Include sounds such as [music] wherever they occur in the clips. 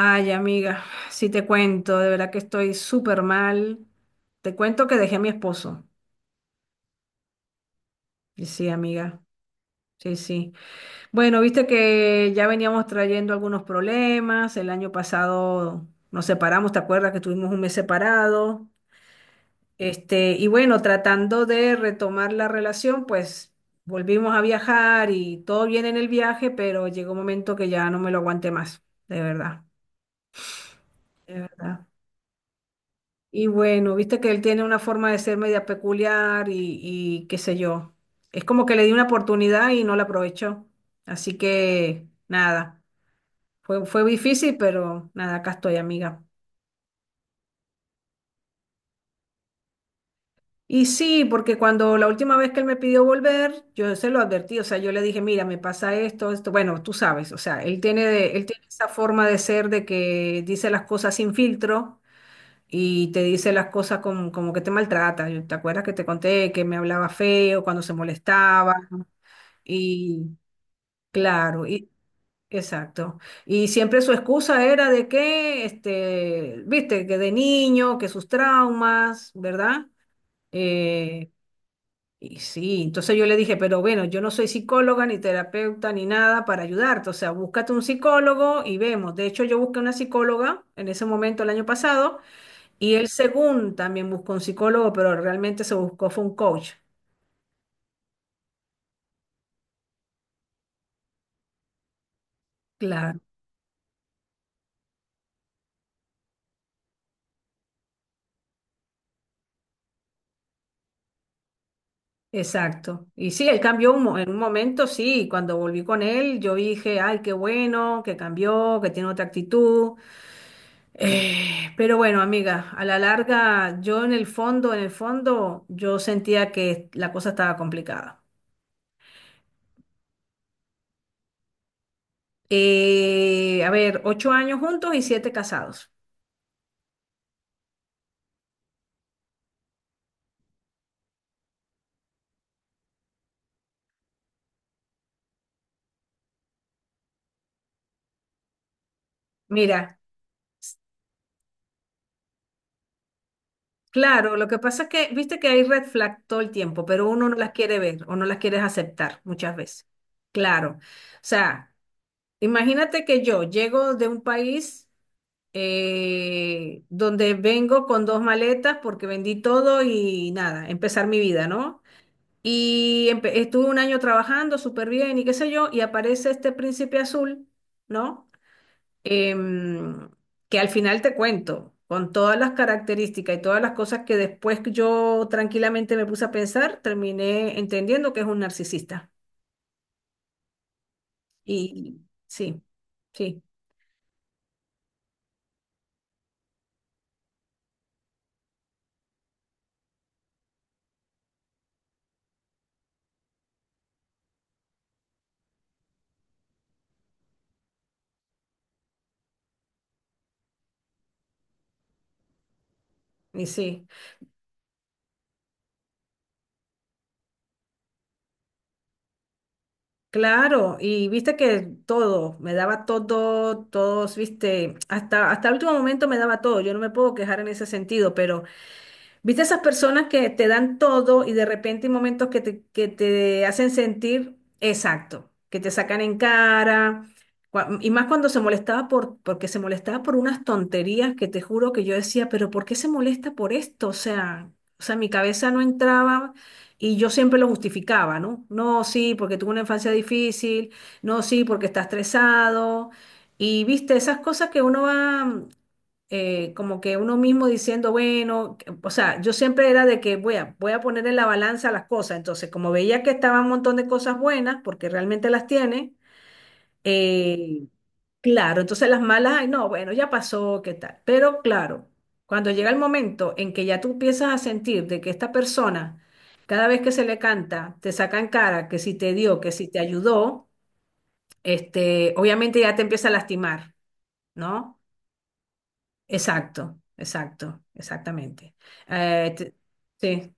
Ay, amiga, si te cuento, de verdad que estoy súper mal. Te cuento que dejé a mi esposo. Y sí, amiga, sí, sí. Bueno, viste que ya veníamos trayendo algunos problemas. El año pasado nos separamos, ¿te acuerdas que tuvimos un mes separado? Y bueno, tratando de retomar la relación, pues volvimos a viajar y todo bien en el viaje, pero llegó un momento que ya no me lo aguanté más, de verdad, de verdad. Y bueno, viste que él tiene una forma de ser media peculiar y qué sé yo. Es como que le di una oportunidad y no la aprovechó. Así que nada, fue difícil, pero nada, acá estoy, amiga. Y sí, porque cuando la última vez que él me pidió volver, yo se lo advertí, o sea, yo le dije, mira, me pasa esto, esto, bueno, tú sabes, o sea, él tiene, él tiene esa forma de ser de que dice las cosas sin filtro y te dice las cosas como que te maltrata. Yo- ¿Te acuerdas que te conté que me hablaba feo cuando se molestaba? Y claro, y exacto. Y siempre su excusa era de que, viste, que de niño, que sus traumas, ¿verdad? Eh, y sí, entonces yo le dije, pero bueno, yo no soy psicóloga ni terapeuta ni nada para ayudarte, o sea, búscate un psicólogo y vemos. De hecho, yo busqué una psicóloga en ese momento el año pasado y él, según también buscó un psicólogo, pero realmente se buscó fue un coach. Claro, exacto. Y sí, él cambió en un momento, sí, cuando volví con él, yo dije, ay, qué bueno, que cambió, que tiene otra actitud. Pero bueno, amiga, a la larga, yo en el fondo, yo sentía que la cosa estaba complicada. A ver, 8 años juntos y 7 casados. Mira. Claro, lo que pasa es que, viste que hay red flag todo el tiempo, pero uno no las quiere ver o no las quiere aceptar muchas veces. Claro. O sea, imagínate que yo llego de un país donde vengo con dos maletas porque vendí todo y nada, empezar mi vida, ¿no? Y estuve un año trabajando súper bien y qué sé yo, y aparece este príncipe azul, ¿no? em, que al final te cuento, con todas las características y todas las cosas que después que yo tranquilamente me puse a pensar, terminé entendiendo que es un narcisista. Y sí, sí, y sí. Claro, y viste que todo, me daba todo, todos, viste, hasta, hasta el último momento me daba todo, yo no me puedo quejar en ese sentido, pero ¿viste esas personas que te dan todo y de repente hay momentos que que te hacen sentir exacto, que te sacan en cara? Y más cuando se molestaba porque se molestaba por unas tonterías que te juro que yo decía, pero ¿por qué se molesta por esto? O sea, mi cabeza no entraba y yo siempre lo justificaba, ¿no? No, sí, porque tuve una infancia difícil, no, sí, porque está estresado. Y viste, esas cosas que uno va como que uno mismo diciendo, bueno, o sea, yo siempre era de que voy a poner en la balanza las cosas. Entonces, como veía que estaban un montón de cosas buenas, porque realmente las tiene, eh, claro, entonces las malas, ay, no, bueno, ya pasó, ¿qué tal? Pero claro, cuando llega el momento en que ya tú empiezas a sentir de que esta persona, cada vez que se le canta, te saca en cara que si te dio, que si te ayudó, obviamente ya te empieza a lastimar, ¿no? Exacto, exacto, exactamente. Eh, te- sí,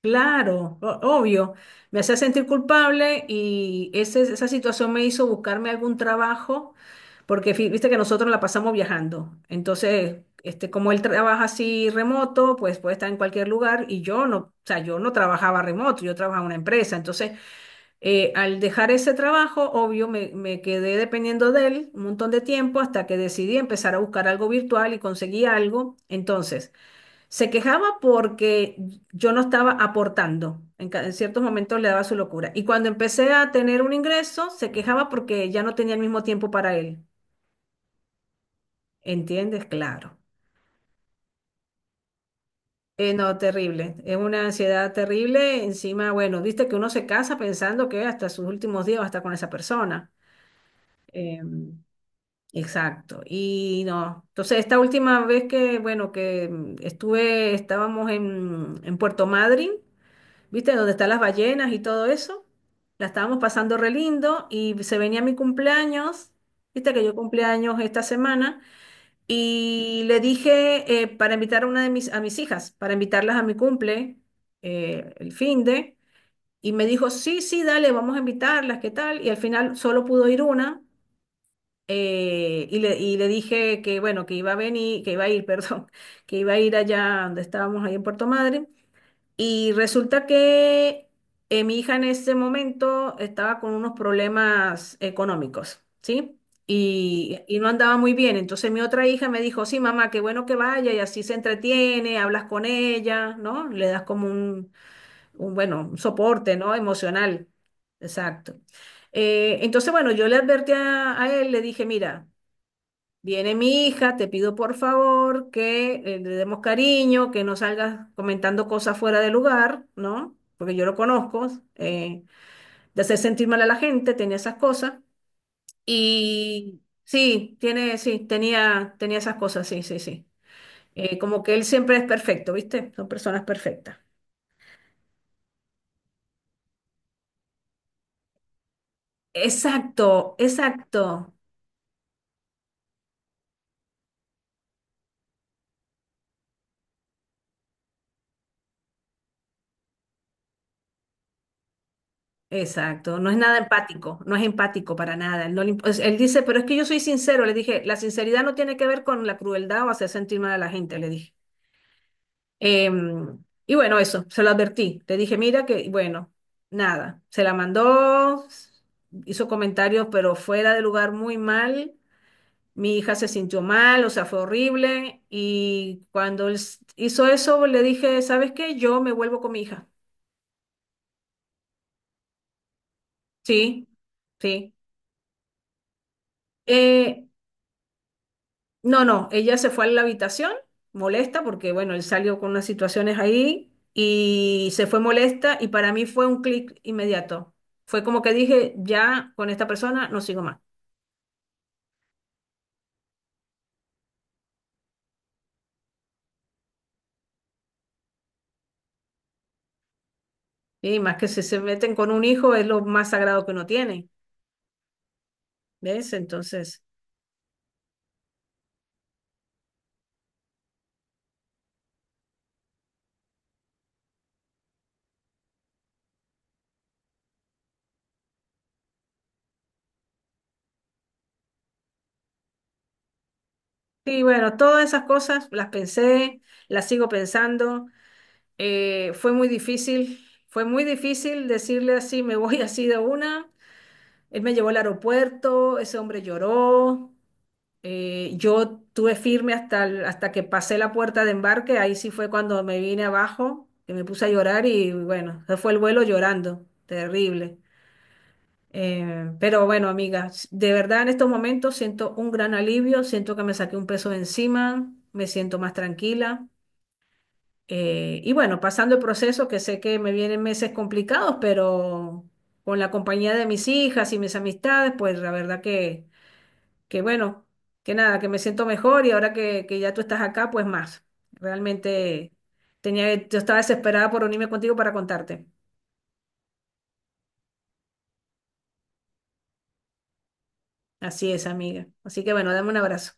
claro, obvio. Me hacía sentir culpable y esa situación me hizo buscarme algún trabajo, porque viste que nosotros la pasamos viajando. Entonces, como él trabaja así remoto, pues puede estar en cualquier lugar y yo no, o sea, yo no trabajaba remoto, yo trabajaba en una empresa. Entonces, al dejar ese trabajo, obvio, me quedé dependiendo de él un montón de tiempo hasta que decidí empezar a buscar algo virtual y conseguí algo. Entonces, se quejaba porque yo no estaba aportando. En ciertos momentos le daba su locura. Y cuando empecé a tener un ingreso, se quejaba porque ya no tenía el mismo tiempo para él. ¿Entiendes? Claro. No, terrible. Es una ansiedad terrible. Encima, bueno, viste que uno se casa pensando que hasta sus últimos días va a estar con esa persona. Em, Exacto. Y no, entonces esta última vez que, bueno, que estuve, estábamos en Puerto Madryn, ¿viste? Donde están las ballenas y todo eso. La estábamos pasando re lindo y se venía mi cumpleaños, ¿viste? Que yo cumpleaños esta semana. Y le dije para invitar a mis hijas, para invitarlas a mi cumple, el fin de. Y me dijo, sí, sí, dale, vamos a invitarlas, ¿qué tal? Y al final solo pudo ir una y le dije que, bueno, que iba a venir, que iba a ir, [laughs] perdón, que iba a ir allá donde estábamos, ahí en Puerto Madre. Y resulta que mi hija en ese momento estaba con unos problemas económicos, ¿sí? Y no andaba muy bien. Entonces mi otra hija me dijo, sí, mamá, qué bueno que vaya y así se entretiene, hablas con ella, ¿no? Le das como un bueno, un soporte, ¿no? Emocional. Exacto. Entonces, bueno, yo le advertí a él, le dije, mira, viene mi hija, te pido por favor que le demos cariño, que no salgas comentando cosas fuera de lugar, ¿no? Porque yo lo conozco, eh, de hacer sentir mal a la gente, tenía esas cosas. Y sí, tiene, sí, tenía, tenía esas cosas, sí, sí, sí. Como que él siempre es perfecto, ¿viste? Son personas perfectas. Exacto, exacto. Exacto, no es nada empático, no es empático para nada. Él, no le imp- es- él dice, pero es que yo soy sincero, le dije, la sinceridad no tiene que ver con la crueldad o hacer sentir mal a la gente, le dije. Y bueno, eso, se lo advertí. Le dije, mira que, bueno, nada, se la mandó, hizo comentarios, pero fuera de lugar muy mal. Mi hija se sintió mal, o sea, fue horrible. Y cuando él hizo eso, le dije, ¿sabes qué? Yo me vuelvo con mi hija. Sí, sí. Eh, No, no, ella se fue a la habitación, molesta, porque bueno, él salió con unas situaciones ahí y se fue molesta y para mí fue un clic inmediato. Fue como que dije, ya con esta persona no sigo más. Y más que si se meten con un hijo es lo más sagrado que uno tiene, ¿ves? Entonces, sí, bueno, todas esas cosas las pensé, las sigo pensando. Fue muy difícil, fue muy difícil decirle así, me voy así de una. Él me llevó al aeropuerto, ese hombre lloró. Yo tuve firme hasta, hasta que pasé la puerta de embarque, ahí sí fue cuando me vine abajo, que me puse a llorar y bueno, se fue el vuelo llorando, terrible. Pero bueno, amiga, de verdad en estos momentos siento un gran alivio, siento que me saqué un peso de encima, me siento más tranquila. Y bueno, pasando el proceso, que sé que me vienen meses complicados, pero con la compañía de mis hijas y mis amistades, pues la verdad que bueno, que nada, que me siento mejor y ahora que ya tú estás acá, pues más. Realmente tenía, yo estaba desesperada por unirme contigo para contarte. Así es, amiga. Así que bueno, dame un abrazo.